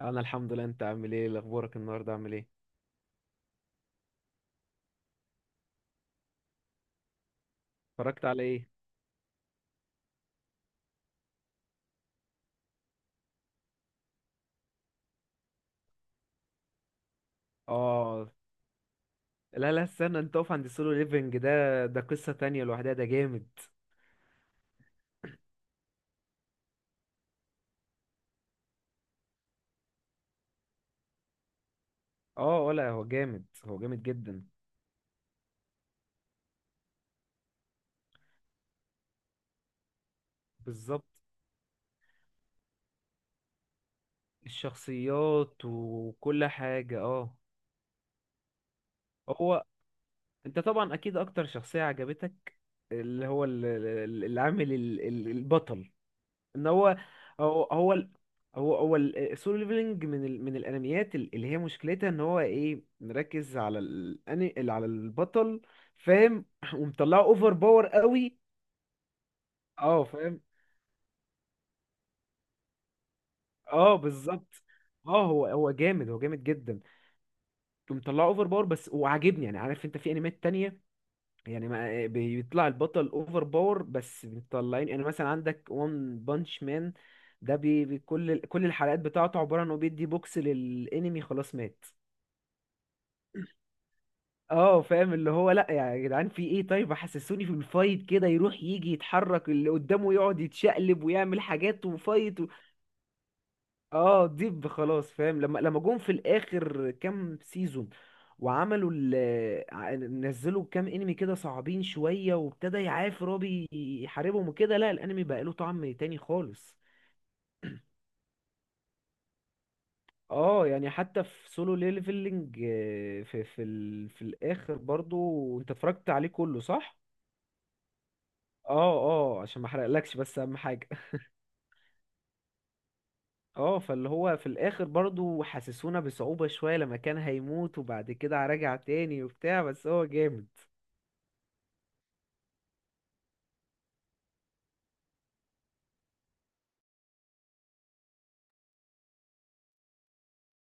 انا الحمد لله. انت عامل ايه؟ اخبارك؟ النهارده عامل ايه؟ اتفرجت على ايه؟ اه. لا، لا، استنى، انت اقف عند السولو ليفنج ده قصة تانية لوحدها. ده جامد. اه. ولا هو جامد؟ هو جامد جدا. بالظبط. الشخصيات وكل حاجة، اه. هو انت طبعا اكيد اكتر شخصية عجبتك؟ اللي هو العامل البطل. ان هو هو ال- هو السولو ليفلنج من الانميات اللي هي مشكلتها ان هو ايه، مركز على على البطل. فاهم. ومطلعه اوفر باور قوي. اه، فاهم. اه، بالظبط. اه، هو جامد، هو جامد جدا، ومطلعه اوفر باور بس وعاجبني. يعني عارف انت، في انميات تانية، يعني ما بيطلع البطل اوفر باور بس بيطلعين، يعني مثلا عندك وان بانش مان. ده كل الحلقات بتاعته عبارة عن انه بيدي بوكس للانمي، خلاص مات. اه، فاهم، اللي هو لا يا جدعان في ايه؟ طيب حسسوني في الفايت كده، يروح يجي يتحرك اللي قدامه، يقعد يتشقلب ويعمل حاجات وفايت. اه، ديب خلاص فاهم. لما جم في الاخر كام سيزون وعملوا نزلوا كام انمي كده صعبين شوية، وابتدى يعاف رابي يحاربهم وكده، لا الانمي بقى له طعم تاني خالص. اه يعني حتى في سولو ليفلنج، في الاخر برضو، انت اتفرجت عليه كله، صح؟ اه، اه، عشان ما احرقلكش، بس اهم حاجة. اه، فاللي هو في الاخر برضو حسسونا بصعوبة شوية لما كان هيموت، وبعد كده رجع تاني وبتاع، بس هو جامد.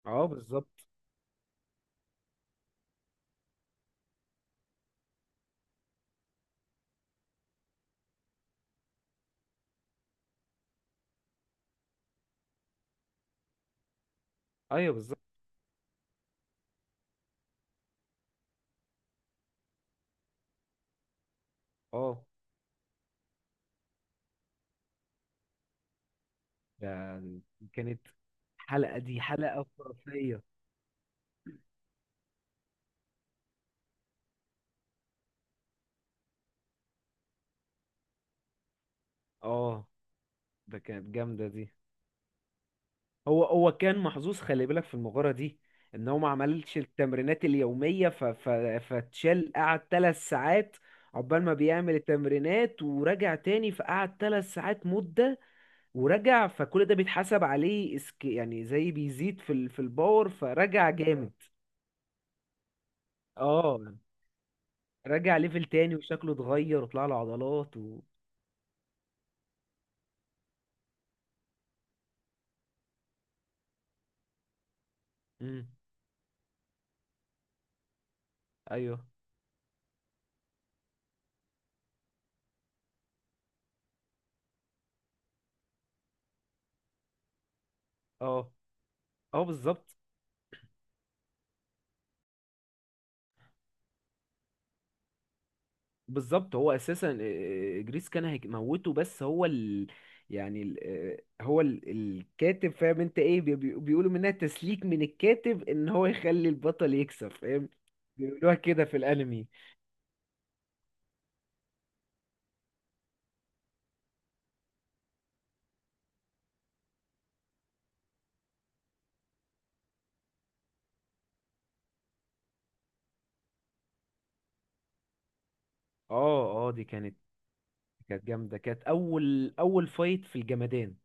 اه، بالظبط. ايوه، بالظبط. اه، ده كانت، الحلقة دي حلقة خرافية. اه، ده كانت جامدة دي. هو كان محظوظ، خلي بالك في المغارة دي، ان هو ما عملش التمرينات اليومية، فتشال، قعد 3 ساعات عقبال ما بيعمل التمرينات، ورجع تاني فقعد 3 ساعات مدة، ورجع، فكل ده بيتحسب عليه يعني زي بيزيد في في الباور، فرجع جامد. اه، رجع ليفل تاني وشكله اتغير وطلع له عضلات و. مم. ايوه، اه، اه، بالظبط. بالظبط. هو اساسا جريس كان هيموته، بس يعني ال... آه، هو ال... الكاتب، فاهم انت ايه، بيقولوا منها تسليك من الكاتب، ان هو يخلي البطل يكسب، فاهم. بيقولوها كده في الانمي. اه، اه، دي كانت جامده. كانت اول فايت في الجمدان.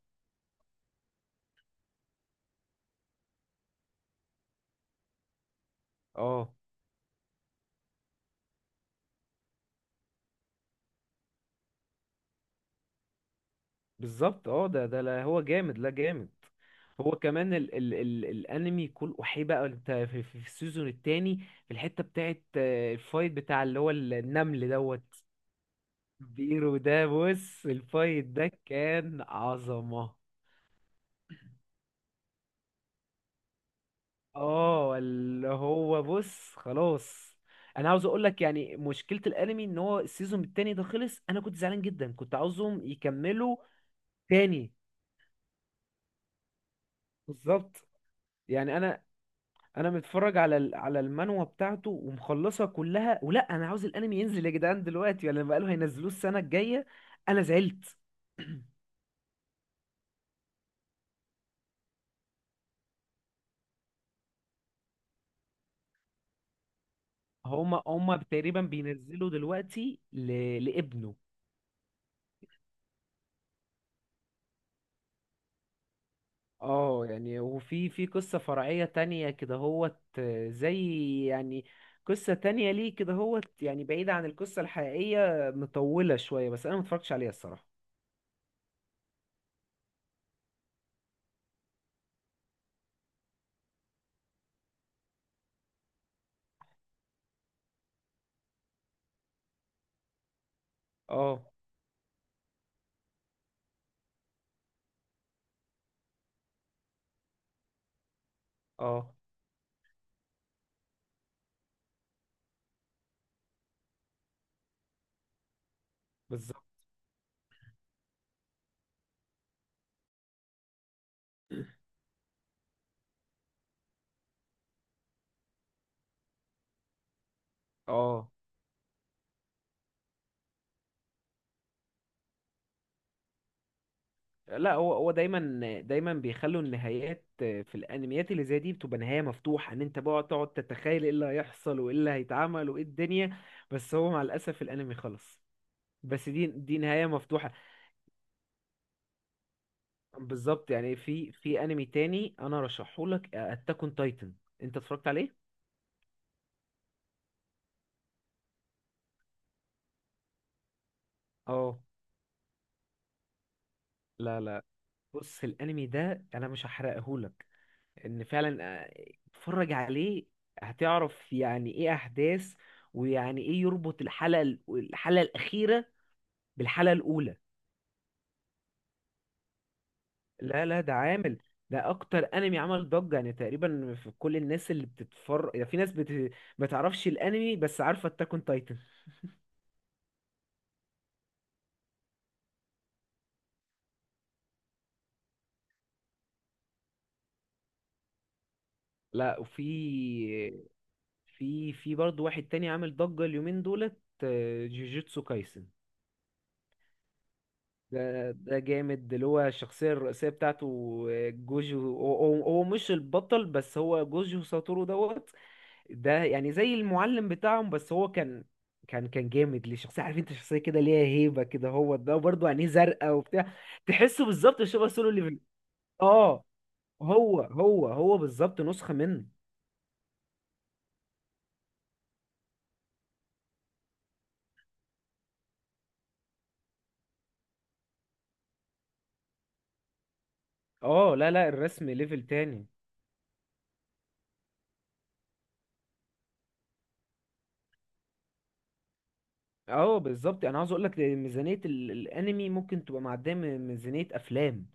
اه، بالظبط. اه، ده لا هو جامد، لا جامد. هو كمان ال ال ال الانمي كل وحي، بقى انت في السيزون التاني، في الحته بتاعت الفايت بتاع اللي هو النمل دوت. بيرو ده، بص الفايت ده كان عظمه. اه، اللي هو بص خلاص. انا عاوز اقول لك، يعني مشكله الانمي ان هو السيزون التاني ده خلص. انا كنت زعلان جدا، كنت عاوزهم يكملوا تاني. بالظبط. يعني انا متفرج على على المانوا بتاعته ومخلصها كلها، ولا انا عاوز الانمي ينزل يا جدعان دلوقتي؟ ولا بقالوا هينزلوه السنه الجايه. انا زعلت. هما تقريبا بينزلوا دلوقتي لابنه. اه يعني، وفي في قصه فرعيه تانية كده هوت، زي يعني قصه تانية ليه كده هوت، يعني بعيده عن القصه الحقيقيه مطوله شويه، بس انا متفرجتش عليها الصراحه. اه، اه، بالظبط. اه، لا هو دايما دايما بيخلوا النهايات في الانميات اللي زي دي بتبقى نهايه مفتوحه، ان انت بقى تقعد تتخيل ايه اللي هيحصل وايه اللي هيتعمل وايه الدنيا. بس هو مع الاسف الانمي خلص. بس دي نهايه مفتوحه. بالظبط. يعني في انمي تاني انا رشحه لك، اتاك اون تايتن، انت اتفرجت عليه؟ اه، لا، لا، بص الانمي ده انا مش هحرقه لك، ان فعلا آه، اتفرج عليه، هتعرف يعني ايه احداث، ويعني ايه يربط الحلقه الاخيره بالحلقه الاولى. لا، لا، ده اكتر انمي عمل ضجه، يعني تقريبا في كل الناس اللي بتتفرج، يعني في ناس ما تعرفش الانمي بس عارفه اتاك اون تايتن. لا، وفي في في برضه واحد تاني عامل ضجه اليومين دولت، جوجوتسو كايسن. ده جامد، اللي هو الشخصية الرئيسية بتاعته، جوجو، هو مش البطل، بس هو جوجو ساتورو دوت. ده يعني زي المعلم بتاعهم، بس هو كان جامد. ليه شخصية، عارف انت، شخصية كده ليها هيبة كده، هو ده برضه عينيه زرقاء وبتاع. تحسه بالظبط شبه سولو ليفل. اه، هو بالظبط نسخة منه. اه، لا، لا، الرسم ليفل تاني. اه، بالظبط. انا عاوز اقول لك، ميزانية الانمي ممكن تبقى معدية من ميزانية افلام.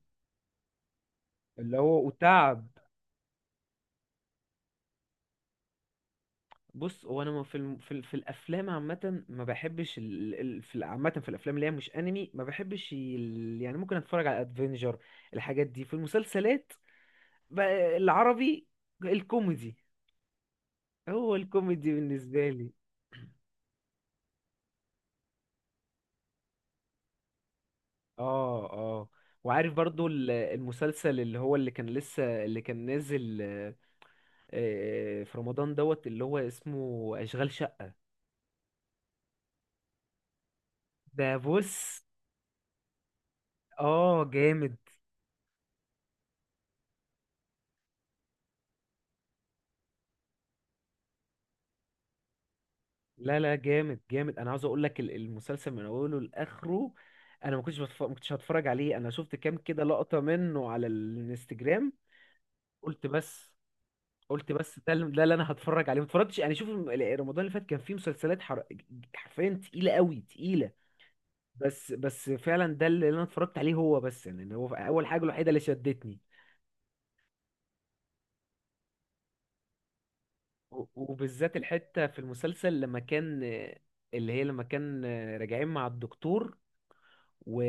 اللي هو وتعب. بص، هو انا ما في الم... في, ال... في الافلام عامه، ما بحبش عامه في الافلام اللي هي مش انمي، ما بحبش يعني ممكن اتفرج على ادفنجر. الحاجات دي في المسلسلات بقى، العربي، الكوميدي. هو الكوميدي بالنسبه لي. اه، اه، وعارف برضو المسلسل اللي هو، اللي كان نازل في رمضان دوت، اللي هو اسمه اشغال شقه. ده بص، اه جامد. لا، لا، جامد جامد. انا عاوز اقول لك المسلسل من اوله لاخره. انا ما كنتش هتفرج عليه، انا شفت كام كده لقطة منه على الانستجرام، قلت بس قلت بس ده اللي انا هتفرج عليه، ما اتفرجتش يعني. شوف رمضان اللي فات كان فيه مسلسلات حرفيا تقيلة قوي تقيلة. بس فعلا ده اللي انا اتفرجت عليه هو بس، يعني إن هو اول حاجة الوحيدة اللي شدتني. و- وبالذات الحتة في المسلسل لما كان، اللي هي لما كان راجعين مع الدكتور و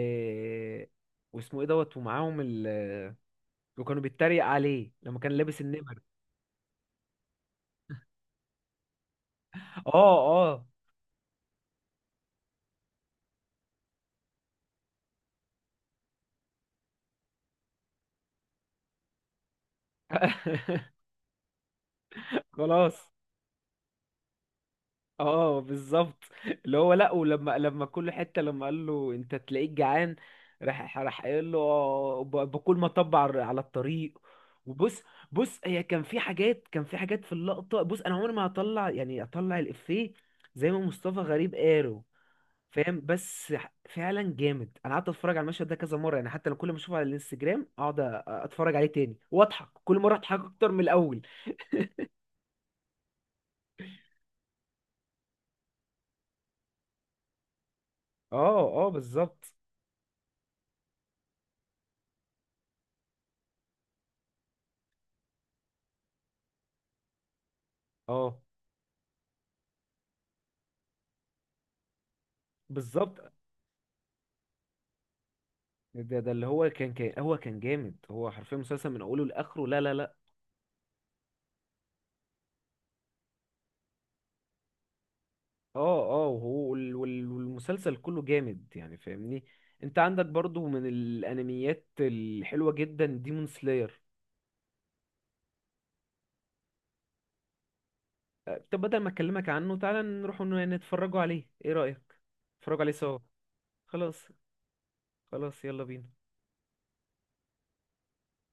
واسمه ايه دوت، ومعاهم وكانوا بيتريق عليه لما كان لابس النمر. اه، اه. خلاص. اه، بالظبط. اللي هو لا، ولما كل حته، لما قال له انت تلاقيك جعان، راح، قايل له باكل ما طب، على الطريق. وبص، بص هي كان في حاجات، كان في حاجات في اللقطه. بص انا عمري ما هطلع يعني اطلع الافيه، زي ما مصطفى غريب قاله، فاهم. بس فعلا جامد. انا قعدت اتفرج على المشهد ده كذا مره، يعني حتى انا كل ما اشوفه على الانستجرام اقعد اتفرج عليه تاني واضحك، كل مره اضحك اكتر من الاول. اه، اه، بالظبط. اه، بالظبط. ده اللي هو كان كان هو كان جامد، هو حرفيا مسلسل من اوله لاخره. لا، لا، لا. اه، اه، وهو والمسلسل كله جامد، يعني فاهمني. انت عندك برضو من الانميات الحلوه جدا، ديمون سلاير. طب بدل ما اكلمك عنه تعالى نروح نتفرجوا عليه، ايه رايك؟ نتفرجوا عليه سوا. خلاص، خلاص، يلا بينا.